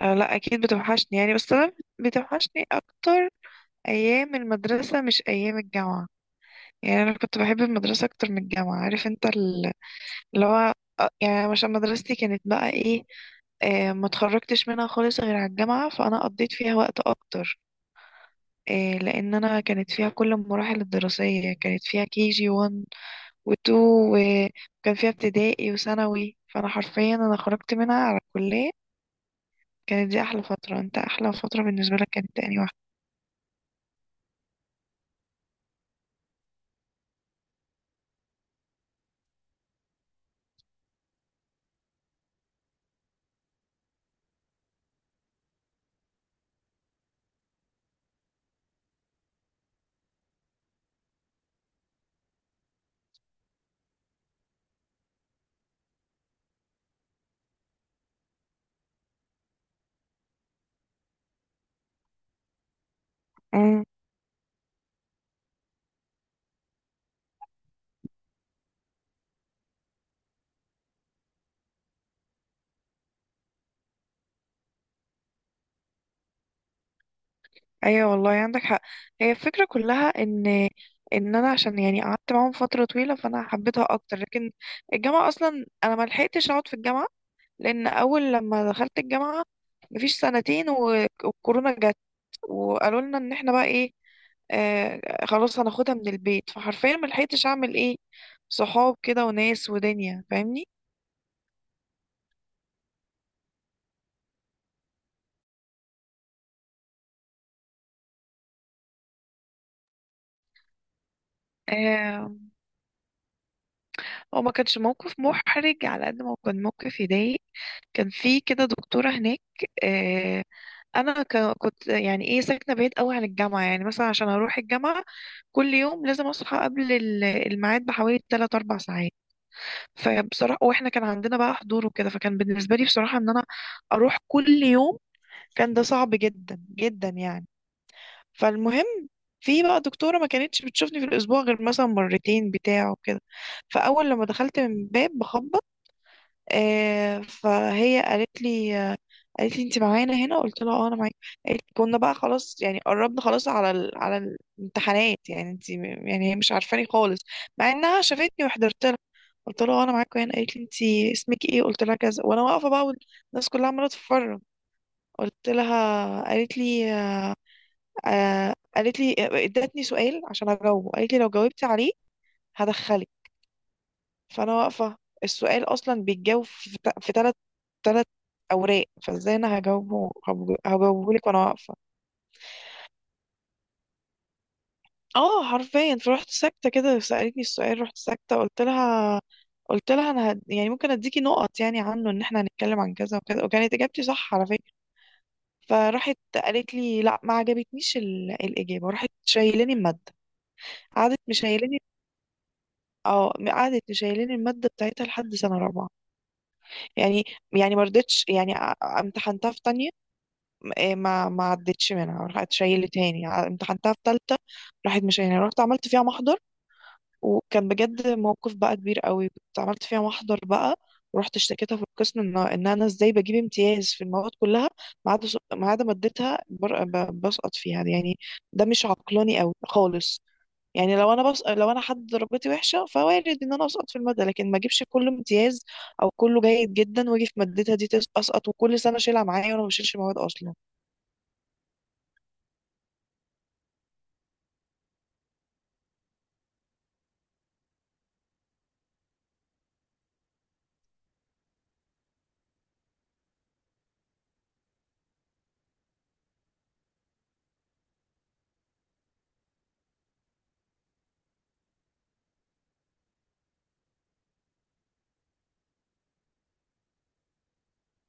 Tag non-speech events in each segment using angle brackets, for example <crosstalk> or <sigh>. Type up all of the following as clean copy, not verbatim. أه، لا، اكيد بتوحشني يعني، بس انا بتوحشني اكتر ايام المدرسه مش ايام الجامعه. يعني انا كنت بحب المدرسه اكتر من الجامعه. عارف انت ال- اللي هو آه، يعني عشان مدرستي كانت بقى ايه، ما اتخرجتش منها خالص غير على الجامعة، فأنا قضيت فيها وقت أكتر. لأن أنا كانت فيها كل المراحل الدراسية، كانت فيها كي جي 1 و 2، وكان فيها ابتدائي وثانوي، فأنا حرفيا أنا خرجت منها على الكلية. كانت دي أحلى فترة. أنت أحلى فترة بالنسبة لك كانت تاني واحدة؟ امم، ايوه والله عندك حق. هي الفكره كلها ان انا، عشان يعني قعدت معاهم فتره طويله، فانا حبيتها اكتر. لكن الجامعه اصلا انا ما لحقتش اقعد في الجامعه، لان اول لما دخلت الجامعه مفيش سنتين والكورونا جت، وقالوا لنا ان احنا بقى ايه، آه خلاص هناخدها من البيت. فحرفيا ما لحقتش اعمل ايه، صحاب كده وناس ودنيا، فاهمني. آه، هو ما كانش موقف محرج على قد ما هو كان موقف يضايق. كان في كده دكتورة هناك. آه، انا كنت يعني ايه ساكنه بعيد قوي عن الجامعه، يعني مثلا عشان اروح الجامعه كل يوم لازم اصحى قبل الميعاد بحوالي 3 4 ساعات. فبصراحه، واحنا كان عندنا بقى حضور وكده، فكان بالنسبه لي بصراحه ان انا اروح كل يوم كان ده صعب جدا جدا يعني. فالمهم، في بقى دكتوره ما كانتش بتشوفني في الاسبوع غير مثلا مرتين بتاع وكده. فاول لما دخلت من باب بخبط، فهي قالت لي آه، قالت لي انت معانا هنا؟ قلت لها اه انا معاك. قالت لي كنا بقى خلاص يعني قربنا خلاص على على الامتحانات، يعني انت يعني هي مش عارفاني خالص، مع انها شافتني وحضرت لها. قلت لها اه انا معاك هنا. قالت لي انت اسمك ايه؟ قلت لها كذا، وانا واقفه بقى والناس كلها عماله تتفرج. قلت لها، قالت لي آه، قالت لي آه، ادتني سؤال عشان اجاوبه. قالت لي لو جاوبتي عليه هدخلك. فانا واقفه، السؤال اصلا بيتجاوب في تلات اوراق، فازاي انا هجاوبه؟ هجاوبه لك وانا واقفه؟ اه حرفيا، فرحت ساكته كده، سالتني السؤال، رحت ساكته. قلت لها، قلت لها انا يعني ممكن اديكي نقط يعني عنه، ان احنا هنتكلم عن كذا وكذا، وكانت اجابتي صح على فكره. فراحت قالت لي لا، ما عجبتنيش الاجابه. راحت شايلاني الماده. قعدت مشايلاني، اه قعدت مشايلاني الماده بتاعتها لحد سنه رابعه. يعني، يعني ما رضيتش، يعني امتحنتها في تانية. إيه، ما عدتش منها، راحت شايله تاني، امتحنتها في تالتة، راحت مشايلها. رحت عملت فيها محضر، وكان بجد موقف بقى كبير قوي. كنت عملت فيها محضر بقى، ورحت اشتكيتها في القسم، ان انا ازاي بجيب امتياز في المواد كلها ما عدا ما عدا مادتها، بسقط فيها يعني. ده مش عقلاني قوي خالص. يعني لو انا، بس لو انا حد درجتي وحشه، فوارد ان انا اسقط في الماده. لكن ما اجيبش كله امتياز او كله جيد جدا، واجي في مادتها دي اسقط، وكل سنه اشيلها معايا، وانا ما بشيلش مواد اصلا.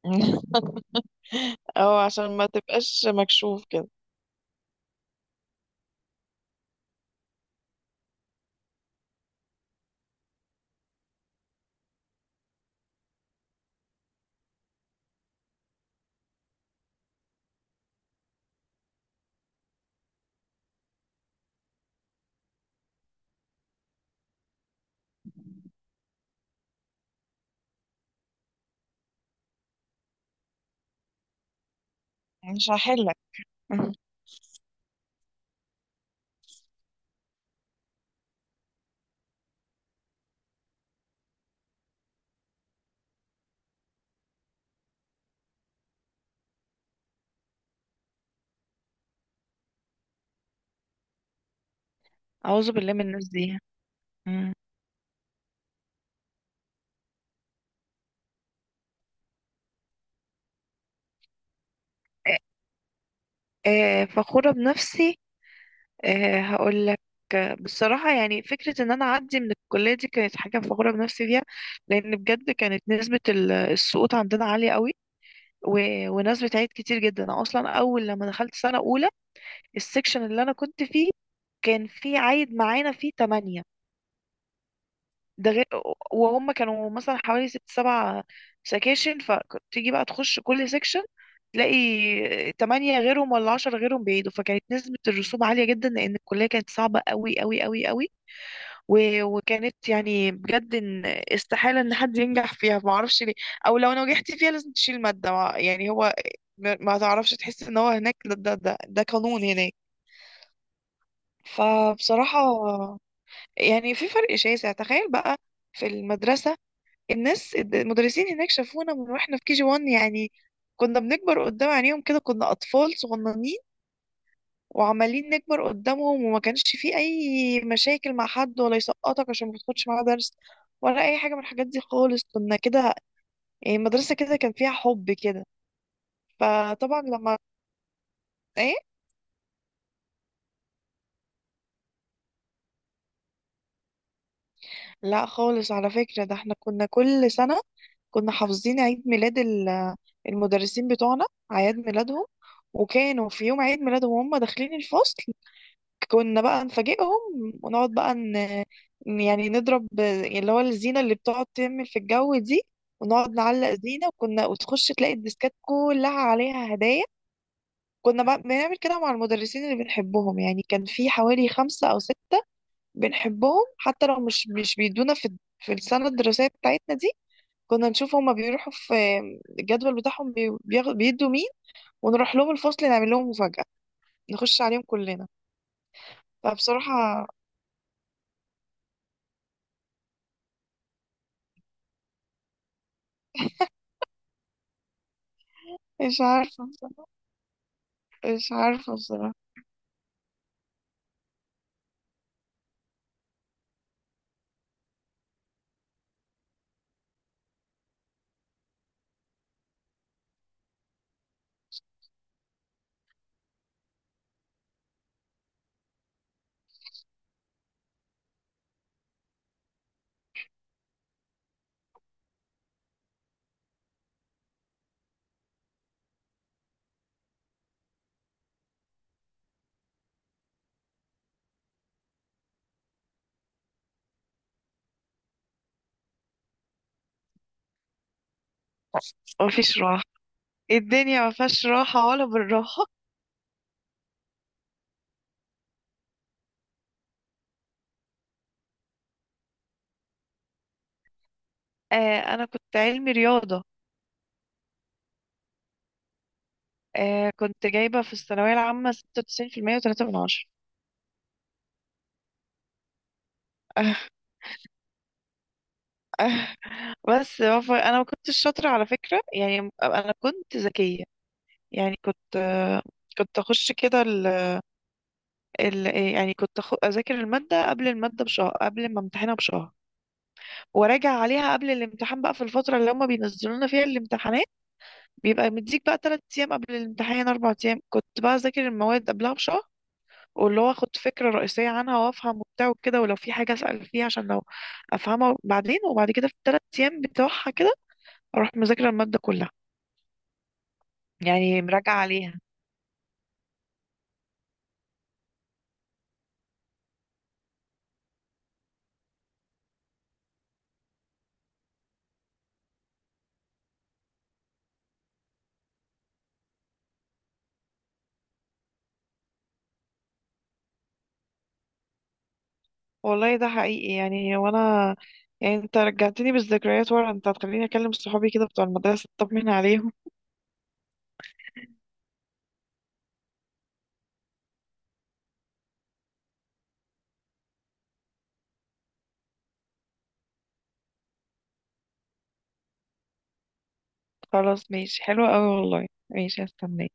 <laughs> اه، عشان ما تبقاش مكشوف كده. مش هحلك. مم. أعوذ بالله من الناس دي. مم. آه، فخورة بنفسي. هقولك. بصراحة، يعني فكرة إن أنا أعدي من الكلية دي كانت حاجة فخورة بنفسي فيها، لأن بجد كانت نسبة السقوط عندنا عالية قوي، وناس بتعيد كتير جدا. أنا أصلا أول لما دخلت سنة أولى، السكشن اللي أنا كنت فيه كان في عايد معانا فيه تمانية. ده غير، وهم كانوا مثلا حوالي ست سبع سكاشن، فتيجي بقى تخش كل سكشن تلاقي تمانية غيرهم ولا عشرة غيرهم بعيدوا. فكانت نسبة الرسوب عالية جدا، لأن الكلية كانت صعبة قوي قوي قوي قوي. وكانت يعني بجد إن استحالة إن حد ينجح فيها، معرفش ليه. أو لو نجحت فيها لازم تشيل مادة، يعني هو ما تعرفش، تحس إن هو هناك، ده, قانون هناك. فبصراحة يعني في فرق شاسع، تخيل بقى. في المدرسة، الناس المدرسين هناك شافونا من واحنا في كي جي 1، يعني كنا بنكبر قدام عينيهم كده، كنا أطفال صغننين وعمالين نكبر قدامهم. وما كانش في أي مشاكل مع حد، ولا يسقطك عشان ما تاخدش معاه درس، ولا أي حاجة من الحاجات دي خالص. كنا كده، يعني المدرسة كده كان فيها حب كده. فطبعا لما، ايه لا خالص على فكرة، ده احنا كنا كل سنة كنا حافظين عيد ميلاد المدرسين بتوعنا، أعياد ميلادهم. وكانوا في يوم عيد ميلادهم وهم داخلين الفصل كنا بقى نفاجئهم، ونقعد بقى يعني نضرب اللي هو الزينة اللي بتقعد تعمل في الجو دي، ونقعد نعلق زينة. وكنا وتخش تلاقي الديسكات كلها عليها هدايا. كنا بقى بنعمل كده مع المدرسين اللي بنحبهم، يعني كان في حوالي خمسة أو ستة بنحبهم، حتى لو مش بيدونا في في السنة الدراسية بتاعتنا دي. كنا نشوف هما بيروحوا في الجدول بتاعهم بيدوا مين، ونروح لهم الفصل نعمل لهم مفاجأة، نخش عليهم كلنا. فبصراحة، مش عارفة، مش عارفة بصراحة. مفيش راحة، الدنيا مفيهاش راحة ولا بالراحة. آه، أنا كنت علمي رياضة. آه، كنت جايبة في الثانوية العامة 96.3%. <laughs> آه، آه، بس أنا ما كنتش شاطرة على فكرة، يعني أنا كنت ذكية يعني. كنت آه، كنت أخش كده ال ال يعني كنت أذاكر المادة قبل المادة بشهر، قبل ما امتحنها بشهر، وراجع عليها قبل الامتحان بقى في الفترة اللي هما بينزلونا فيها الامتحانات. بيبقى مديك بقى تلات أيام قبل الامتحان، أربع أيام. كنت بقى أذاكر المواد قبلها بشهر، واللي هو أخد فكرة رئيسية عنها وأفهم وبتاع وكده، ولو في حاجة أسأل فيها عشان لو أفهمها بعدين. وبعد كده في التلات أيام بتوعها كده أروح مذاكرة المادة كلها، يعني مراجعة عليها. والله ده حقيقي يعني. وأنا يعني، أنت رجعتني بالذكريات ورا، أنت هتخليني أكلم صحابي كده بتوع المدرسة، أطمن عليهم. خلاص، ماشي حلو أوي والله، ماشي، هستناك.